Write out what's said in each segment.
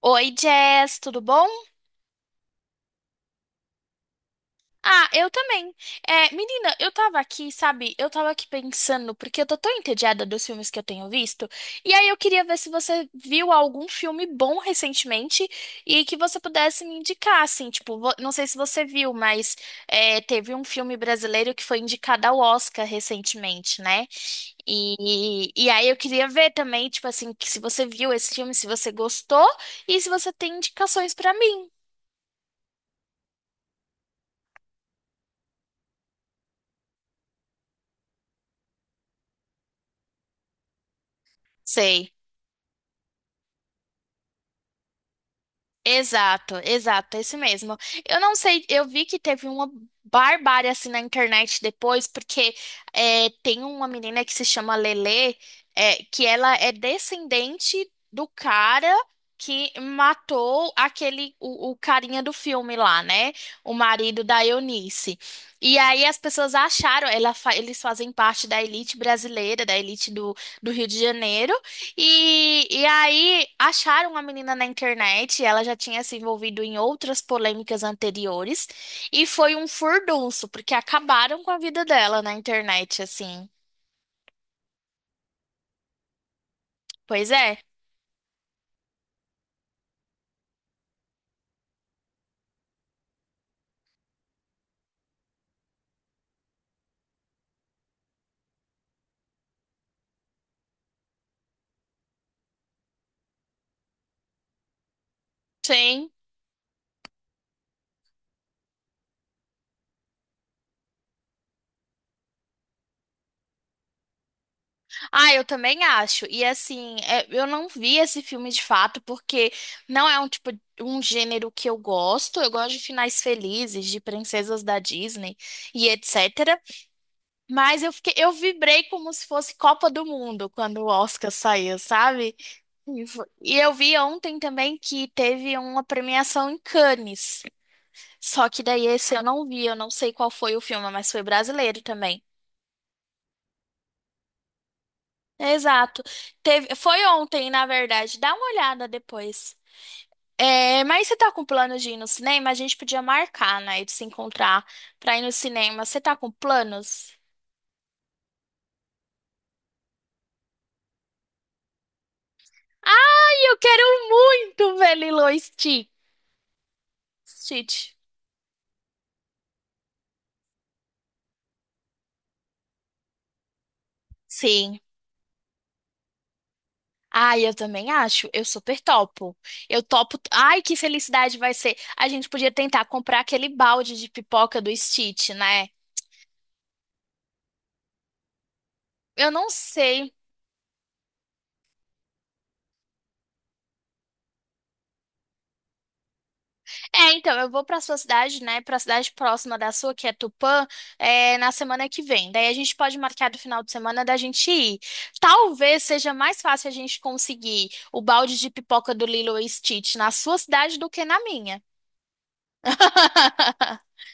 Oi, Jess, tudo bom? Ah, eu também. É, menina, eu tava aqui, sabe? Eu tava aqui pensando, porque eu tô tão entediada dos filmes que eu tenho visto, e aí eu queria ver se você viu algum filme bom recentemente e que você pudesse me indicar, assim, tipo, não sei se você viu, mas teve um filme brasileiro que foi indicado ao Oscar recentemente, né? E aí eu queria ver também, tipo assim, que se você viu esse filme, se você gostou e se você tem indicações pra mim. Sei. Exato, exato, é isso mesmo. Eu não sei, eu vi que teve uma barbárie assim na internet depois, porque tem uma menina que se chama Lelê, que ela é descendente do cara que matou aquele, o carinha do filme lá, né? O marido da Eunice. E aí as pessoas acharam, eles fazem parte da elite brasileira, da elite do Rio de Janeiro. E aí acharam a menina na internet, ela já tinha se envolvido em outras polêmicas anteriores, e foi um furdunço, porque acabaram com a vida dela na internet, assim. Pois é. Sim. Ah, eu também acho. E assim, eu não vi esse filme de fato, porque não é um tipo, um gênero que eu gosto. Eu gosto de finais felizes, de princesas da Disney e etc. Mas eu fiquei, eu vibrei como se fosse Copa do Mundo quando o Oscar saiu, sabe? E eu vi ontem também que teve uma premiação em Cannes. Só que daí esse eu não vi, eu não sei qual foi o filme, mas foi brasileiro também. Exato. Teve, foi ontem, na verdade. Dá uma olhada depois. É, mas você tá com plano de ir no cinema? A gente podia marcar, né, de se encontrar pra ir no cinema. Você tá com planos? Ai, eu quero muito ver Lilo e Stitch. Stitch. Sim. Ai, eu também acho. Eu super topo. Eu topo. Ai, que felicidade vai ser. A gente podia tentar comprar aquele balde de pipoca do Stitch, né? Eu não sei. É, então, eu vou pra sua cidade, né? Pra cidade próxima da sua, que é Tupã, na semana que vem. Daí a gente pode marcar do final de semana da gente ir. Talvez seja mais fácil a gente conseguir o balde de pipoca do Lilo e Stitch na sua cidade do que na minha.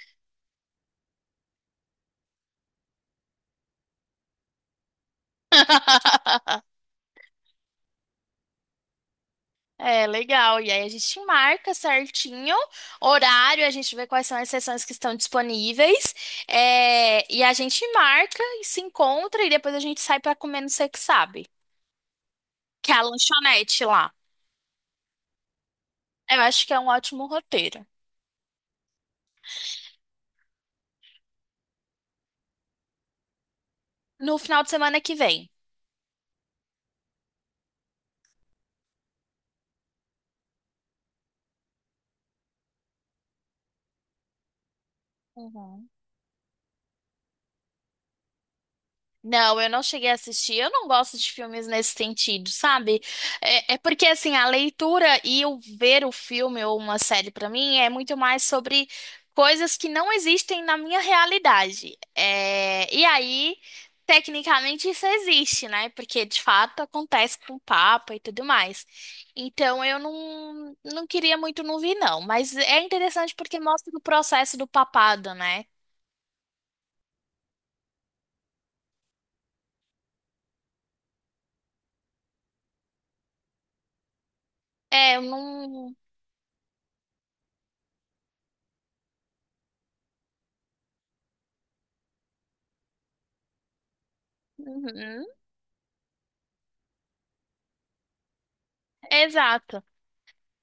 É, legal. E aí a gente marca certinho horário, a gente vê quais são as sessões que estão disponíveis. E a gente marca e se encontra e depois a gente sai pra comer no Sei Que Sabe, que é a lanchonete lá. Eu acho que é um ótimo roteiro. No final de semana que vem. Uhum. Não, eu não cheguei a assistir. Eu não gosto de filmes nesse sentido, sabe? É, porque, assim, a leitura e o ver o filme ou uma série, pra mim, é muito mais sobre coisas que não existem na minha realidade. E aí, tecnicamente, isso existe, né? Porque, de fato, acontece com o Papa e tudo mais. Então, eu não queria muito não vir, não. Mas é interessante porque mostra o processo do papado, né? É, eu não. Uhum, exato.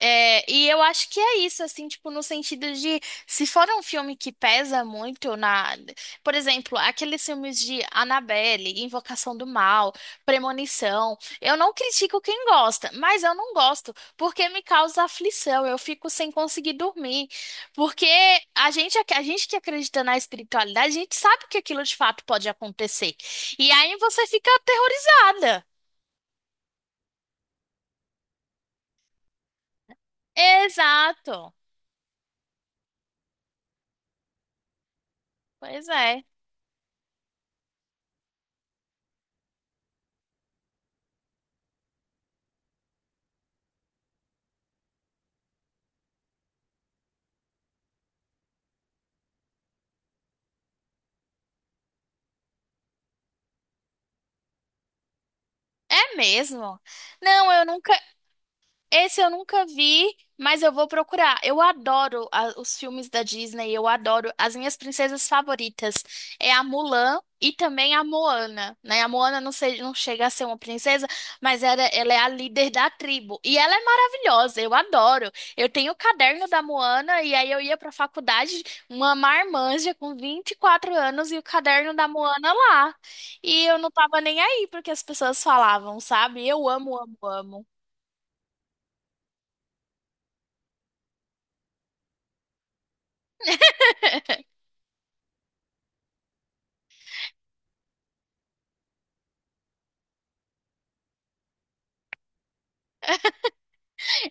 E eu acho que é isso, assim, tipo, no sentido de, se for um filme que pesa muito na, por exemplo, aqueles filmes de Annabelle, Invocação do Mal, Premonição, eu não critico quem gosta, mas eu não gosto, porque me causa aflição, eu fico sem conseguir dormir, porque a gente que acredita na espiritualidade, a gente sabe que aquilo de fato pode acontecer, e aí você fica aterrorizada. Exato, pois é. É mesmo? Não, eu nunca, esse eu nunca vi, mas eu vou procurar. Eu adoro os filmes da Disney, eu adoro. As minhas princesas favoritas é a Mulan e também a Moana, né? A Moana não, sei, não chega a ser uma princesa, mas ela é a líder da tribo. E ela é maravilhosa, eu adoro. Eu tenho o caderno da Moana e aí eu ia pra faculdade, uma marmanja com 24 anos e o caderno da Moana lá. E eu não tava nem aí porque as pessoas falavam, sabe? Eu amo, amo, amo.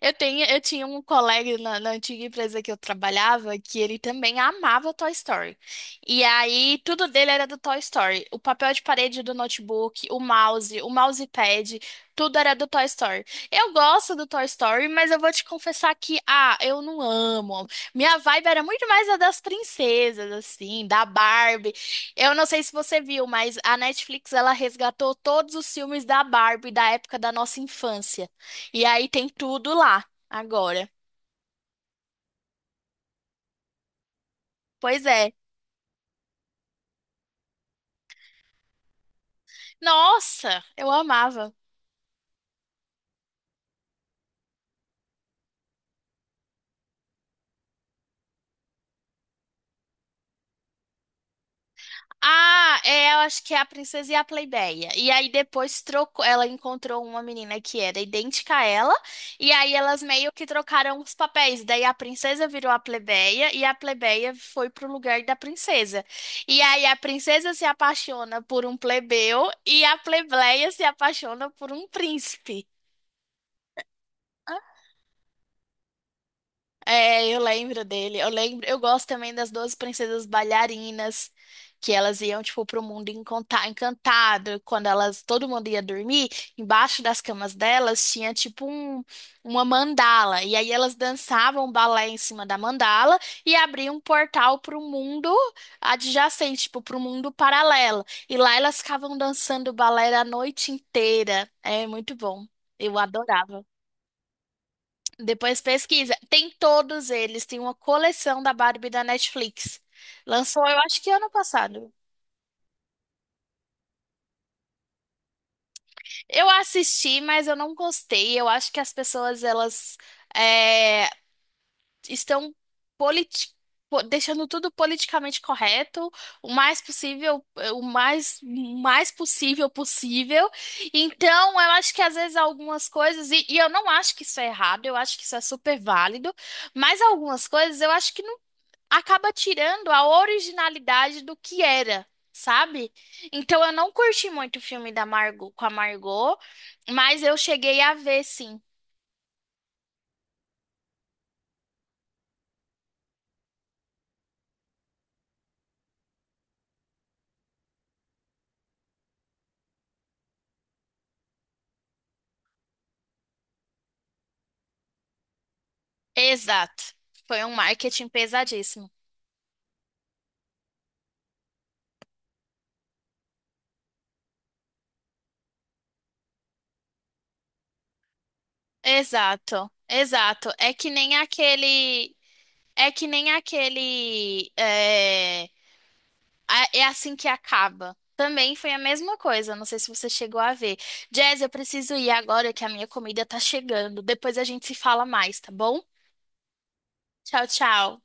Eu tinha um colega na antiga empresa que eu trabalhava que ele também amava Toy Story. E aí, tudo dele era do Toy Story. O papel de parede do notebook, o mouse, o mousepad, tudo era do Toy Story. Eu gosto do Toy Story, mas eu vou te confessar que, ah, eu não amo. Minha vibe era muito mais a das princesas, assim, da Barbie. Eu não sei se você viu, mas a Netflix, ela resgatou todos os filmes da Barbie da época da nossa infância. E aí tem tudo lá agora. Pois é. Nossa, eu amava. Ah, eu acho que é a Princesa e a Plebeia. E aí depois trocou, ela encontrou uma menina que era idêntica a ela, e aí elas meio que trocaram os papéis. Daí a princesa virou a plebeia e a plebeia foi pro lugar da princesa. E aí a princesa se apaixona por um plebeu e a plebeia se apaixona por um príncipe. É, eu lembro dele. Eu lembro, eu gosto também das 12 princesas bailarinas, que elas iam tipo pro mundo encantado, quando elas todo mundo ia dormir, embaixo das camas delas tinha tipo uma mandala, e aí elas dançavam balé em cima da mandala e abriam um portal pro mundo adjacente, tipo pro mundo paralelo. E lá elas ficavam dançando balé a noite inteira. É muito bom. Eu adorava. Depois pesquisa. Tem todos eles. Tem uma coleção da Barbie da Netflix. Lançou, eu acho que ano passado. Eu assisti, mas eu não gostei. Eu acho que as pessoas, elas é, estão politi- deixando tudo politicamente correto, o mais possível, o mais possível possível. Então, eu acho que às vezes algumas coisas, e eu não acho que isso é errado, eu acho que isso é super válido, mas algumas coisas eu acho que não acaba tirando a originalidade do que era, sabe? Então eu não curti muito o filme da Margot com a Margot, mas eu cheguei a ver sim. Exato. Foi um marketing pesadíssimo. Exato. Exato. É que nem aquele, é assim que acaba. Também foi a mesma coisa, não sei se você chegou a ver. Jazz, eu preciso ir agora que a minha comida tá chegando. Depois a gente se fala mais, tá bom? Tchau, tchau.